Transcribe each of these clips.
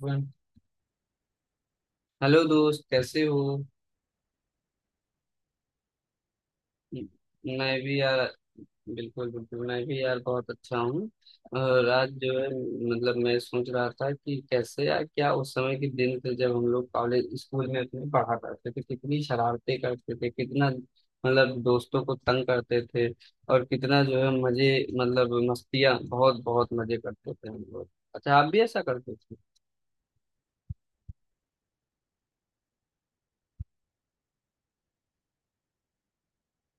One. Hello दोस्त, कैसे हो? म- मैं भी यार। बिल्कुल बिल्कुल मैं भी यार, बहुत अच्छा हूँ। और आज जो है मतलब मैं सोच रहा था कि कैसे यार, क्या उस समय के दिन थे जब हम लोग कॉलेज स्कूल में अपने पढ़ा करते थे। कितनी शरारतें करते थे, कितना मतलब दोस्तों को तंग करते थे, और कितना जो है मजे मतलब मस्तियाँ, बहुत बहुत मजे करते थे हम लोग। अच्छा, आप भी ऐसा करते थे?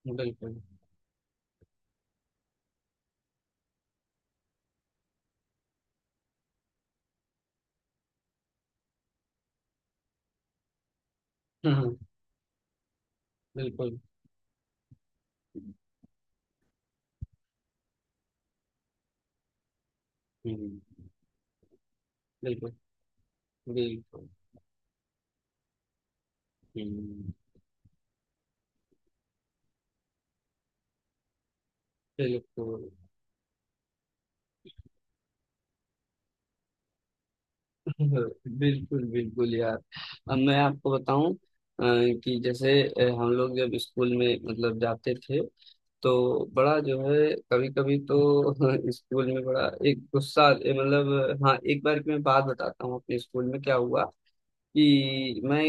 बिल्कुल। बिल्कुल। बिल्कुल। हम्म, बिल्कुल। बिल्कुल। हम्म। बिल्कुल। बिल्कुल बिल्कुल यार। अब मैं आपको बताऊं कि जैसे हम लोग जब स्कूल में मतलब जाते थे तो बड़ा जो है कभी कभी तो स्कूल में बड़ा एक गुस्सा मतलब हाँ, एक बार की मैं बात बताता हूँ अपने स्कूल में क्या हुआ। कि मैं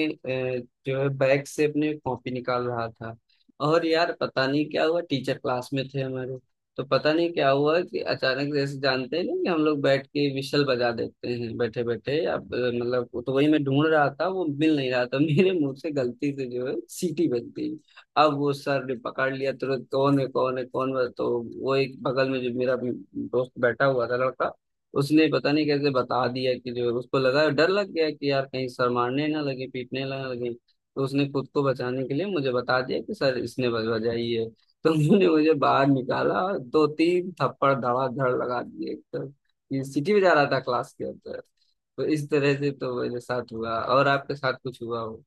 जो है बैग से अपने कॉपी निकाल रहा था, और यार पता नहीं क्या हुआ, टीचर क्लास में थे हमारे। तो पता नहीं क्या हुआ कि अचानक, जैसे जानते हैं ना कि हम लोग बैठ के विशल बजा देते हैं बैठे बैठे, अब मतलब वो तो वही मैं ढूंढ रहा था, वो मिल नहीं रहा था मेरे मुंह से गलती से जो है सीटी बज गई। अब वो सर ने पकड़ लिया तुरंत, कौन है कौन है कौन है। तो वो एक बगल में जो मेरा दोस्त बैठा हुआ था लड़का, उसने पता नहीं कैसे बता दिया कि जो उसको लगा, डर लग गया कि यार कहीं सर मारने ना लगे पीटने ना लगे, तो उसने खुद को बचाने के लिए मुझे बता दिया कि सर इसने बजाई है। तो उन्होंने मुझे बाहर निकाला और दो तीन थप्पड़ धड़ाधड़ लगा दिए एकदम। ये सीटी बजा रहा था क्लास के अंदर। तो इस तरह से तो मेरे साथ हुआ, और आपके साथ कुछ हुआ हो?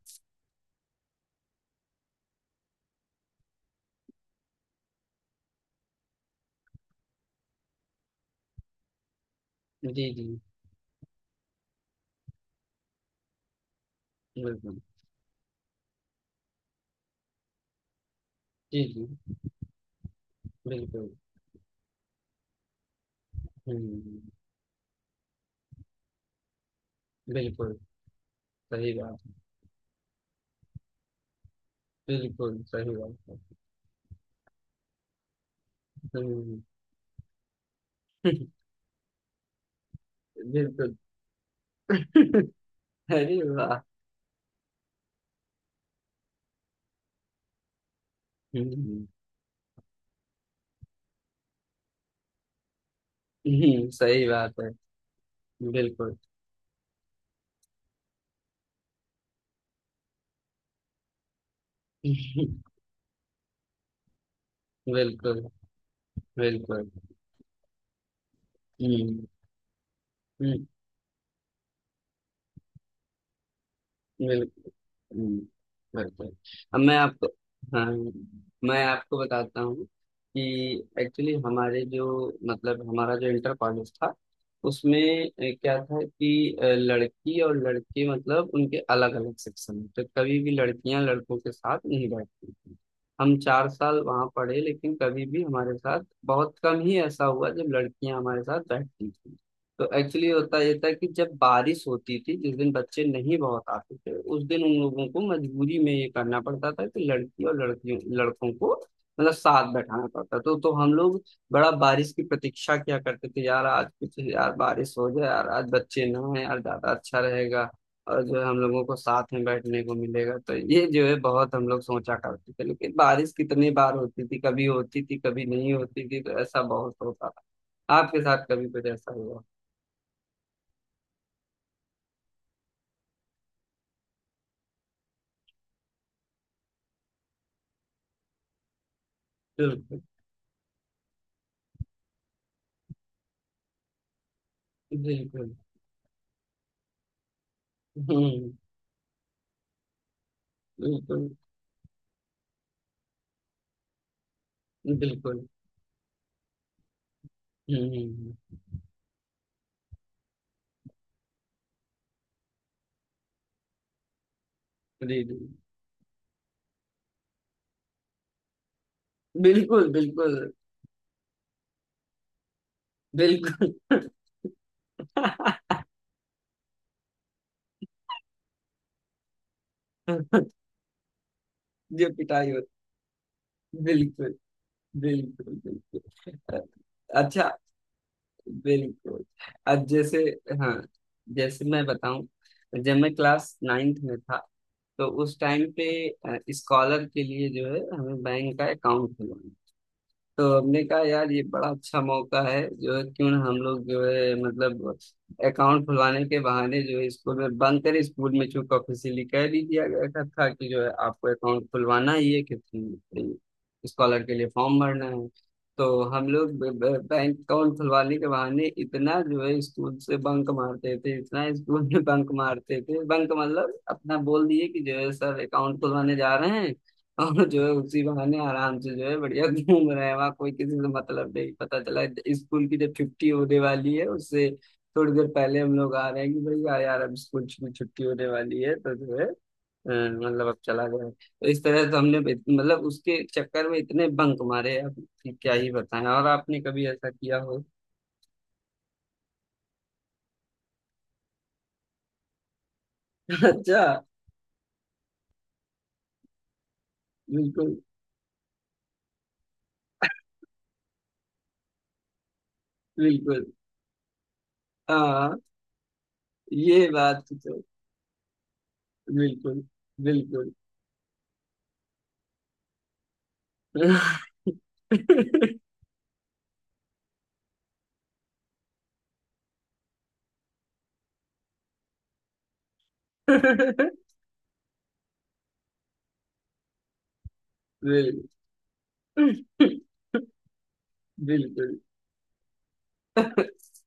जी जी। बिल्कुल। जी जी। बिल्कुल। हम्म। बिल्कुल सही बात। बिल्कुल सही बात है। हम्म। बिल्कुल। अरे वाह। हम्म, सही बात है। बिल्कुल। बिल्कुल। बिल्कुल। हम्म। हम्म, बिल्कुल। हम्म, बिल्कुल। अब मैं आपको, हाँ, मैं आपको बताता हूँ कि एक्चुअली हमारे जो मतलब हमारा जो इंटर कॉलेज था उसमें क्या था कि लड़की और लड़के मतलब उनके अलग अलग सेक्शन में, तो कभी भी लड़कियां लड़कों के साथ नहीं बैठती थी। हम चार साल वहां पढ़े, लेकिन कभी भी हमारे साथ, बहुत कम ही ऐसा हुआ जब लड़कियां हमारे साथ बैठती थी। तो एक्चुअली होता ये था कि जब बारिश होती थी जिस दिन बच्चे नहीं बहुत आते थे, उस दिन उन लोगों को मजबूरी में ये करना पड़ता था कि लड़की और लड़कियों लड़कों को मतलब साथ बैठाना पड़ता। तो हम लोग बड़ा बारिश की प्रतीक्षा किया करते थे, यार आज कुछ यार बारिश हो जाए यार, आज बच्चे ना आए यार, ज्यादा अच्छा रहेगा और जो है हम लोगों को साथ में बैठने को मिलेगा। तो ये जो है बहुत हम लोग सोचा करते थे, लेकिन बारिश कितनी बार होती थी, कभी होती थी कभी नहीं होती थी, तो ऐसा बहुत होता था। आपके साथ कभी कुछ ऐसा हुआ? बिल्कुल, बिल्कुल। हुँ, बिल्कुल, बिल्कुल। हुँ, बिल्कुल। बिल्कुल, बिल्कुल, बिल्कुल। जो पिटाई होती। बिल्कुल, बिल्कुल, बिल्कुल। अच्छा। बिल्कुल। अब जैसे, हाँ, जैसे मैं बताऊँ, जब मैं क्लास 9th में था, तो उस टाइम पे स्कॉलर के लिए जो है हमें बैंक का अकाउंट खुलवाना। तो हमने कहा यार ये बड़ा अच्छा मौका है जो है, क्यों ना हम लोग जो है मतलब अकाउंट खुलवाने के बहाने जो है स्कूल में बंद करें। स्कूल में चूंकि ऑफिशियली कह भी दिया गया था कि जो है आपको अकाउंट खुलवाना ही है, कि स्कॉलर के लिए फॉर्म भरना है। तो हम लोग बैंक अकाउंट खुलवाने के बहाने इतना जो है स्कूल से बंक मारते थे, इतना स्कूल में बंक मारते थे। बंक मतलब अपना बोल दिए कि जो है सर अकाउंट खुलवाने जा रहे हैं, और जो है उसी बहाने आराम से जो है बढ़िया घूम रहे हैं। वहाँ कोई किसी से मतलब नहीं पता चला। स्कूल की जब छुट्टी होने वाली है उससे थोड़ी देर पहले हम लोग आ रहे हैं कि भाई यार यार अब स्कूल की छुट्टी होने वाली है तो जो है मतलब अब चला गया। तो इस तरह से हमने मतलब उसके चक्कर में इतने बंक मारे अब, कि क्या ही बताएं। और आपने कभी ऐसा किया हो? अच्छा। बिल्कुल। बिल्कुल। हाँ ये बात तो। बिल्कुल। बिल्कुल। बिल्कुल। बिल्कुल।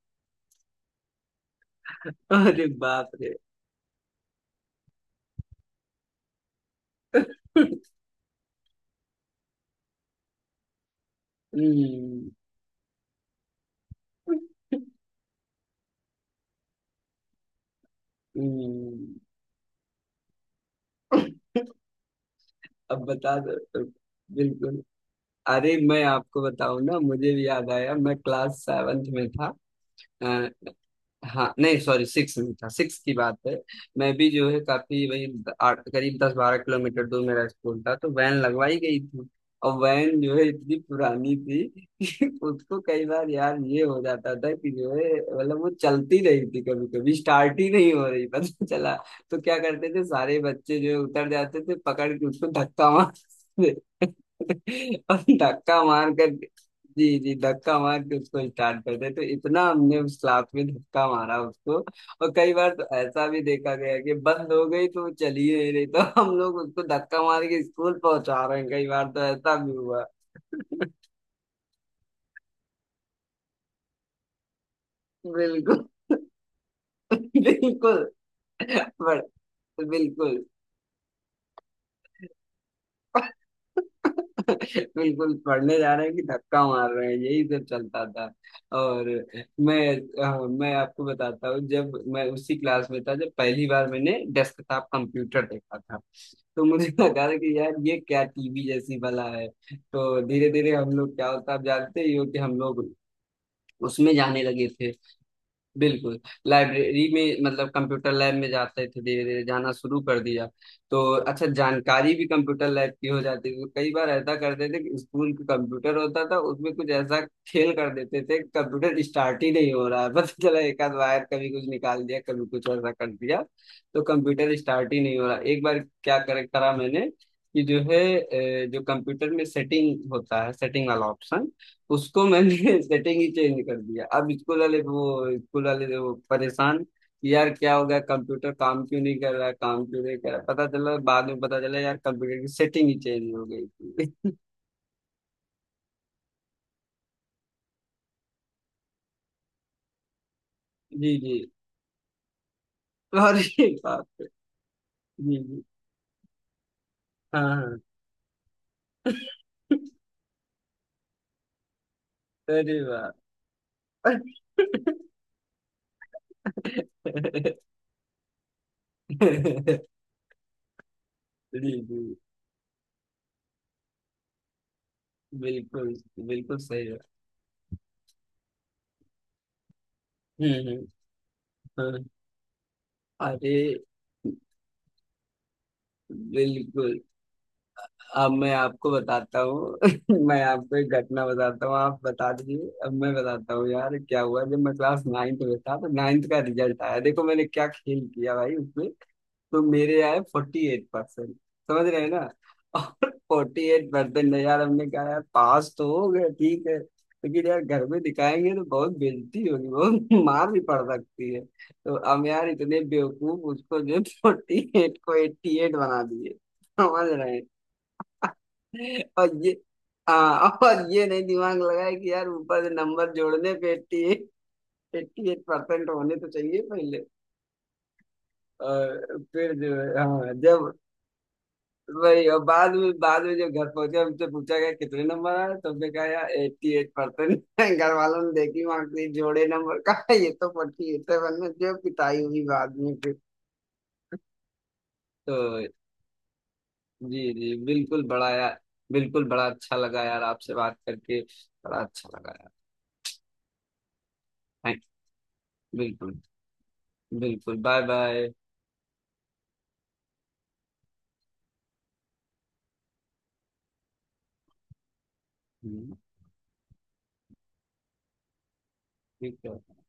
अरे बाप रे। हम्म, हम्म, अब बता दो। बिल्कुल। अरे मैं आपको बताऊं ना, मुझे भी याद आया, मैं क्लास सेवेंथ में था। हाँ नहीं सॉरी, सिक्स नहीं था, सिक्स की बात है। मैं भी जो है काफी वही आठ करीब 10-12 किलोमीटर दूर मेरा स्कूल था, तो वैन लगवाई गई थी। और वैन जो है इतनी पुरानी थी कि उसको कई बार यार ये हो जाता था कि जो है मतलब वो चलती नहीं थी, कभी कभी स्टार्ट ही नहीं हो रही पता चला। तो क्या करते थे, सारे बच्चे जो है उतर जाते थे पकड़ के उसको धक्का मारते थे। और धक्का मार कर, जी जी, धक्का मार के उसको स्टार्ट करते। तो इतना हमने उस क्लास में धक्का मारा उसको, और कई बार तो ऐसा भी देखा गया कि बंद हो गई तो चलिए नहीं रही, तो हम लोग उसको धक्का मार के स्कूल पहुंचा रहे हैं, कई बार तो ऐसा भी हुआ। बिल्कुल। बिल्कुल। बड़- बिल्कुल। बिल्कुल पढ़ने जा रहे हैं कि धक्का मार रहे हैं, यही सब चलता था। और मैं, मैं आपको बताता हूँ, जब मैं उसी क्लास में था जब पहली बार मैंने डेस्कटॉप कंप्यूटर देखा था, तो मुझे लगा था कि यार ये क्या टीवी जैसी भला है। तो धीरे धीरे हम लोग, क्या होता आप जानते ही हो, कि हम लोग उसमें जाने लगे थे। बिल्कुल। लाइब्रेरी में मतलब कंप्यूटर लैब में जाते थे, धीरे धीरे जाना शुरू कर दिया। तो अच्छा जानकारी भी कंप्यूटर लैब की हो जाती थी। कई बार ऐसा करते थे कि स्कूल का कंप्यूटर होता था उसमें कुछ ऐसा खेल कर देते थे, कंप्यूटर स्टार्ट ही नहीं हो रहा है पता चला एक आध वायर कभी कुछ निकाल दिया, कभी कुछ ऐसा कर दिया। तो कंप्यूटर स्टार्ट ही नहीं हो रहा एक बार। क्या कर करा मैंने कि जो है जो कंप्यूटर में सेटिंग होता है, सेटिंग वाला ऑप्शन, उसको मैंने सेटिंग ही चेंज कर दिया। अब स्कूल वाले वो परेशान कि यार क्या हो गया, कंप्यूटर काम क्यों नहीं कर रहा, काम क्यों नहीं कर रहा। पता चला बाद में, पता चला यार कंप्यूटर की सेटिंग ही चेंज हो गई थी। जी जी। अरे बाप रे। जी जी। हाँ हाँ। अरे वाह। जी जी। बिल्कुल। बिल्कुल सही है। हम्म। हम्म। हाँ। अरे बिल्कुल। अब मैं आपको बताता हूँ, मैं आपको एक घटना बताता हूँ, आप बता दीजिए। अब मैं बताता हूँ यार क्या हुआ जब मैं क्लास नाइन्थ में था, तो नाइन्थ का रिजल्ट आया, देखो मैंने क्या खेल किया भाई उसमें। तो मेरे आए 48%, समझ रहे हैं ना? और 48%, यार हमने कहा यार पास तो हो गए, ठीक है, लेकिन यार घर में दिखाएंगे तो बहुत बेइज्जती होगी, बहुत मार भी पड़ सकती है। तो हम यार इतने बेवकूफ, उसको जो 48 को 88 बना दिए। समझ रहे हैं? और ये, हाँ, और ये नहीं दिमाग लगाए कि यार ऊपर से नंबर जोड़ने पे 88, एट्टी एट परसेंट होने तो चाहिए पहले। और फिर जो है हाँ जब वही, और बाद में जब घर पहुंचे, हमसे पूछा गया कितने नंबर आए, तो हमने कहा यार 88%। घर वालों ने देखी मार्क्सिट, जोड़े नंबर, कहा ये तो 48 है। जो पिटाई हुई बाद में फिर। तो जी जी बिल्कुल। बड़ा यार, बिल्कुल, बड़ा अच्छा लगा यार आपसे बात करके, बड़ा अच्छा लगा यार। थैंक। बिल्कुल। बिल्कुल, बाय बाय। ठीक है।